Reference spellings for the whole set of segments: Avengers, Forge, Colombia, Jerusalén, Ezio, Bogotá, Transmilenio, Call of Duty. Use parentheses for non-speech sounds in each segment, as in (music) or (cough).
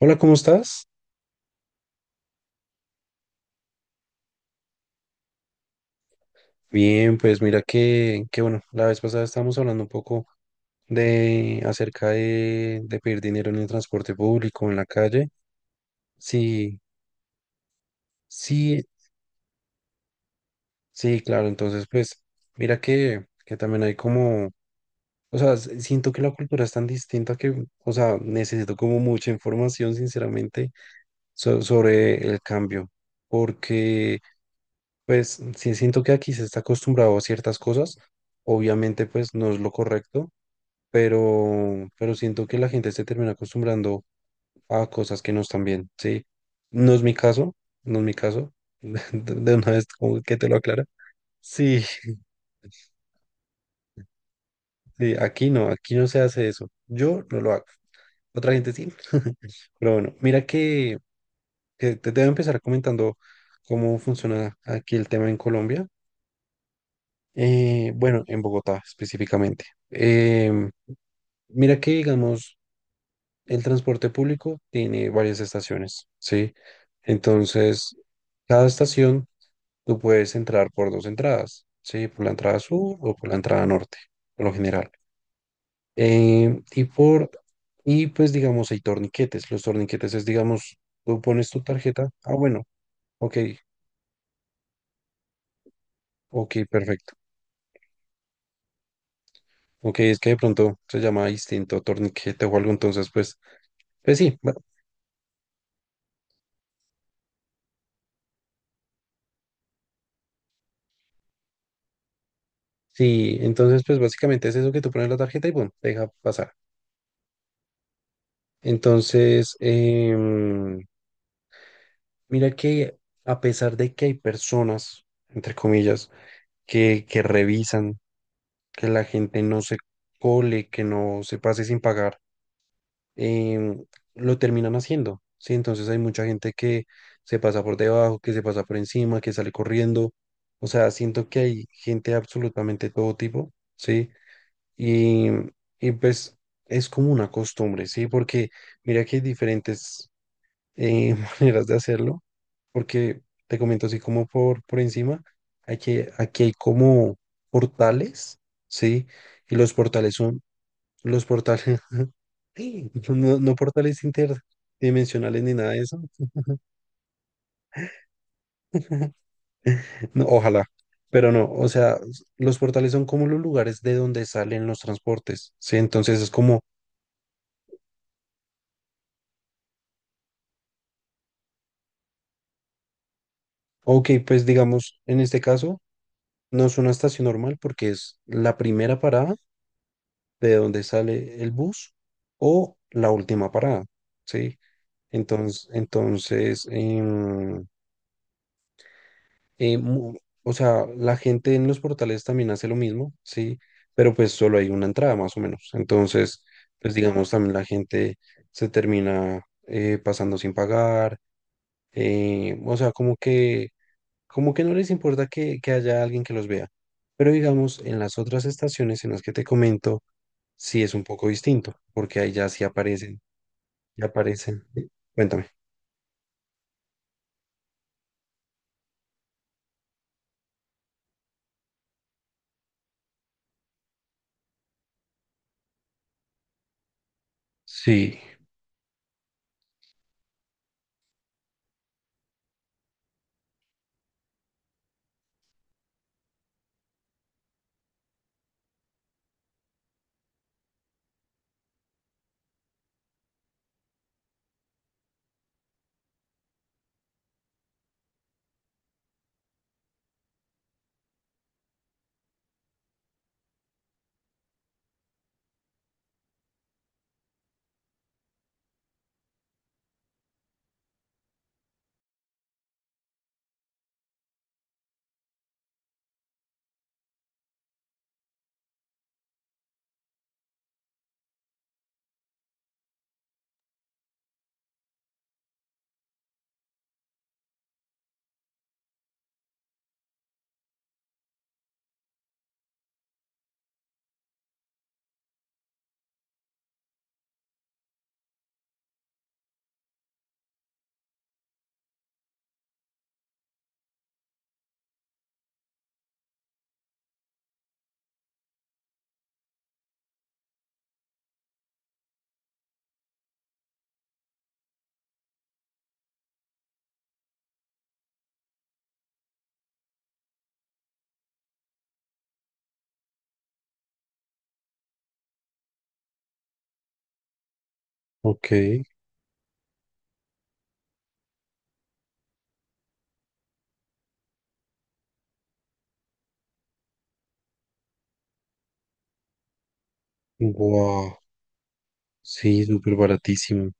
Hola, ¿cómo estás? Bien, pues mira que bueno, la vez pasada estábamos hablando un poco de acerca de pedir dinero en el transporte público, en la calle. Sí, sí, sí, claro. Entonces, pues mira que también hay como, o sea, siento que la cultura es tan distinta que, o sea, necesito como mucha información, sinceramente, sobre el cambio, porque, pues, sí siento que aquí se está acostumbrado a ciertas cosas. Obviamente, pues no es lo correcto, pero siento que la gente se termina acostumbrando a cosas que no están bien, ¿sí? No es mi caso, no es mi caso, (laughs) de de una vez como que te lo aclara. Sí, sí, aquí no se hace eso, yo no lo hago, otra gente sí, (laughs) pero bueno, mira que te debo empezar comentando cómo funciona aquí el tema en Colombia. Bueno, en Bogotá específicamente. Em, Mira que, digamos, el transporte público tiene varias estaciones, ¿sí? Entonces, cada estación tú puedes entrar por dos entradas, ¿sí? Por la entrada sur o por la entrada norte, por lo general. Eh, y por, y pues digamos, hay torniquetes. Los torniquetes es, digamos, tú pones tu tarjeta. Ah, bueno, ok, ok, perfecto. Ok, es que de pronto se llama distinto torniquete o algo, entonces, pues, pues sí, sí, entonces, pues básicamente es eso, que tú pones la tarjeta y bueno, te deja pasar. Entonces, mira que a pesar de que hay personas, entre comillas, que revisan que la gente no se cole, que no se pase sin pagar, em, lo terminan haciendo, ¿sí? Entonces hay mucha gente que se pasa por debajo, que se pasa por encima, que sale corriendo. O sea, siento que hay gente de absolutamente todo tipo, ¿sí? Y, y pues es como una costumbre, ¿sí? Porque mira que hay diferentes (laughs) maneras de hacerlo, porque te comento así como por encima, hay que, aquí hay como portales, ¿sí? Y los portales son, los portales, (laughs) no, no portales interdimensionales ni nada de eso, (laughs) no, ojalá, pero no, o sea, los portales son como los lugares de donde salen los transportes, ¿sí? Entonces es como, ok, pues digamos, en este caso, no es una estación normal porque es la primera parada de donde sale el bus o la última parada, ¿sí? Entonces em, em, mu- o sea, la gente en los portales también hace lo mismo, ¿sí? Pero pues solo hay una entrada más o menos. Entonces, pues digamos, también la gente se termina pasando sin pagar, o sea, como que no les importa que haya alguien que los vea. Pero digamos, en las otras estaciones en las que te comento, sí es un poco distinto, porque ahí ya sí aparecen. Ya aparecen, ¿sí? Cuéntame. Sí, ok. Wow, sí, súper baratísimo.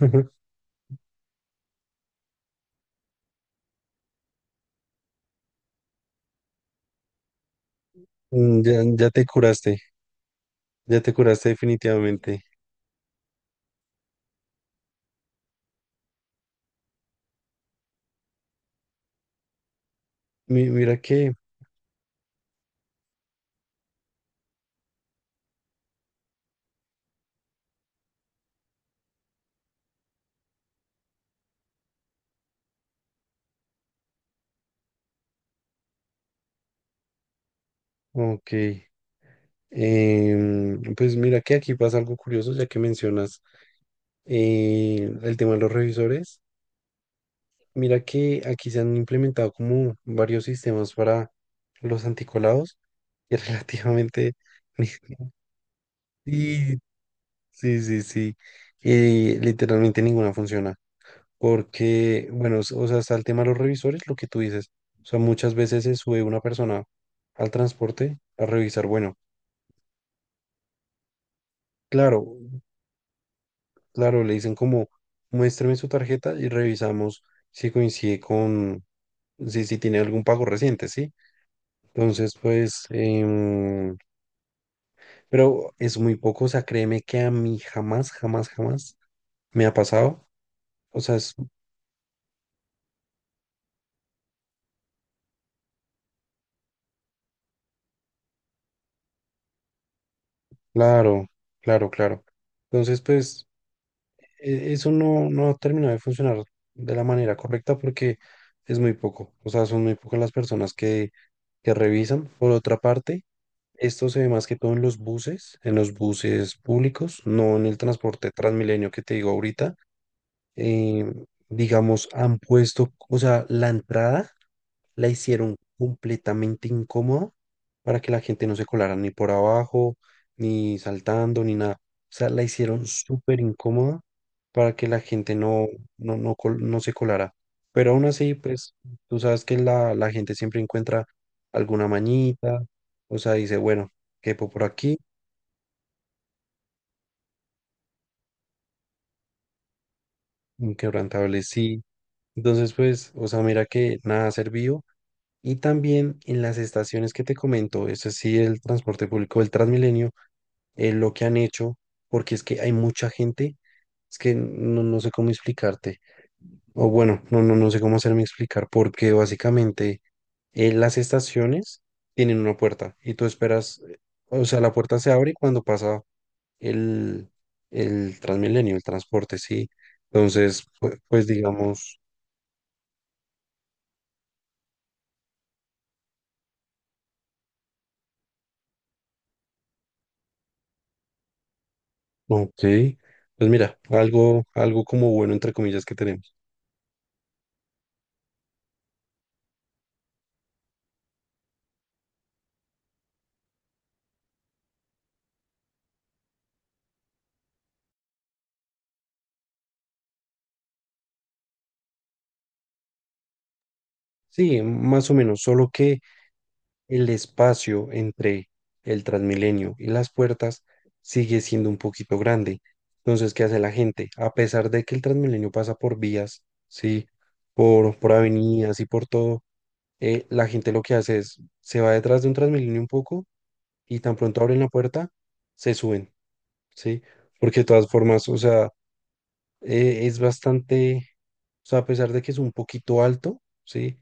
(laughs) Mm, ya, ya te curaste definitivamente. Mira que, ok, pues mira que aquí pasa algo curioso, ya que mencionas el tema de los revisores. Mira que aquí se han implementado como varios sistemas para los anticolados y relativamente, (laughs) y sí, sí, sí. Literalmente ninguna funciona. Porque, bueno, o sea, está el tema de los revisores, lo que tú dices. O sea, muchas veces se sube una persona al transporte a revisar. Bueno, claro, claro, le dicen como, muéstrame su tarjeta y revisamos si coincide con, si, si tiene algún pago reciente, ¿sí? Entonces, pues, pero es muy poco. O sea, créeme que a mí jamás, jamás, jamás me ha pasado. O sea, es claro, claro, claro. Entonces, pues, eso no, no terminó de funcionar de la manera correcta porque es muy poco. O sea, son muy pocas las personas que revisan. Por otra parte, esto se ve más que todo en los buses públicos, no en el transporte Transmilenio que te digo ahorita. Eh, digamos, han puesto, o sea, la entrada la hicieron completamente incómoda para que la gente no se colara ni por abajo, ni saltando, ni nada. O sea, la hicieron súper incómoda para que la gente no, no, no se colara. Pero aún así, pues, tú sabes que la gente siempre encuentra alguna mañita, o sea, dice, bueno, quepo por aquí, inquebrantable sí. Entonces, pues, o sea, mira que nada ha servido. Y también en las estaciones que te comento, es sí, el transporte público, el Transmilenio, lo que han hecho, porque es que hay mucha gente, es que no, no sé cómo explicarte, o bueno, no, no, no sé cómo hacerme explicar, porque básicamente las estaciones tienen una puerta y tú esperas, o sea, la puerta se abre cuando pasa el, el Transmilenio, el transporte, sí. Entonces, pues, pues digamos, ok, pues mira, algo, algo como bueno, entre comillas, que tenemos. Sí, más o menos, solo que el espacio entre el Transmilenio y las puertas sigue siendo un poquito grande. Entonces, ¿qué hace la gente? A pesar de que el Transmilenio pasa por vías, ¿sí? Por avenidas y por todo, la gente lo que hace es, se va detrás de un Transmilenio un poco y tan pronto abren la puerta, se suben, ¿sí? Porque de todas formas, o sea, es bastante, o sea, a pesar de que es un poquito alto, ¿sí?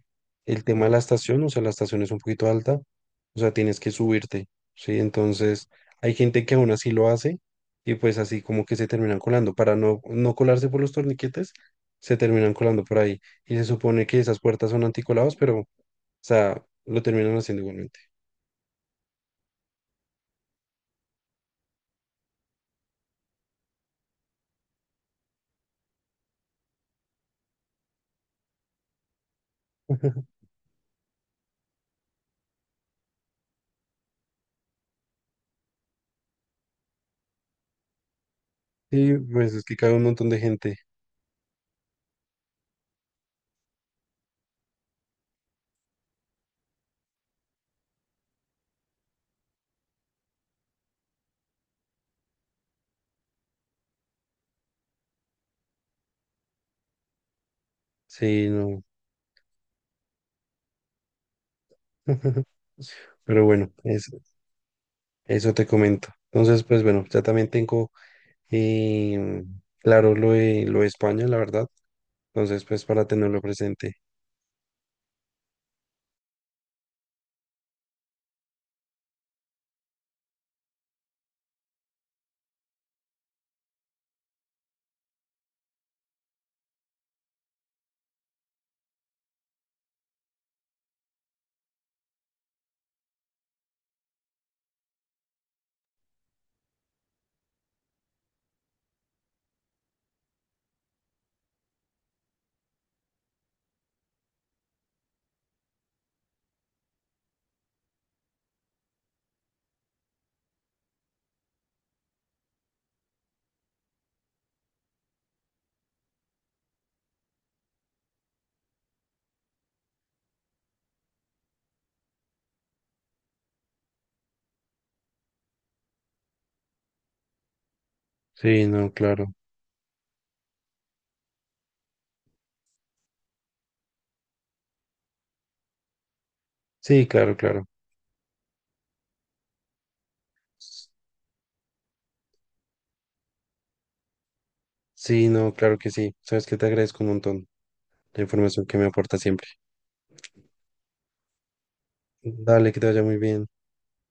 El tema de la estación, o sea, la estación es un poquito alta, o sea, tienes que subirte, ¿sí? Entonces, hay gente que aún así lo hace y pues así como que se terminan colando, para no, no colarse por los torniquetes, se terminan colando por ahí. Y se supone que esas puertas son anticolados, pero, o sea, lo terminan haciendo igualmente. Y pues es que cae un montón de gente, sí, no. (laughs) Pero bueno, es, eso te comento. Entonces, pues bueno, ya también tengo eh, claro lo de España, la verdad. Entonces, pues para tenerlo presente. Sí, no, claro. Sí, claro, claro. S- Sí, no, claro que sí. Sabes que te agradezco un montón la información que me aporta siempre. Dale, que te vaya muy bien.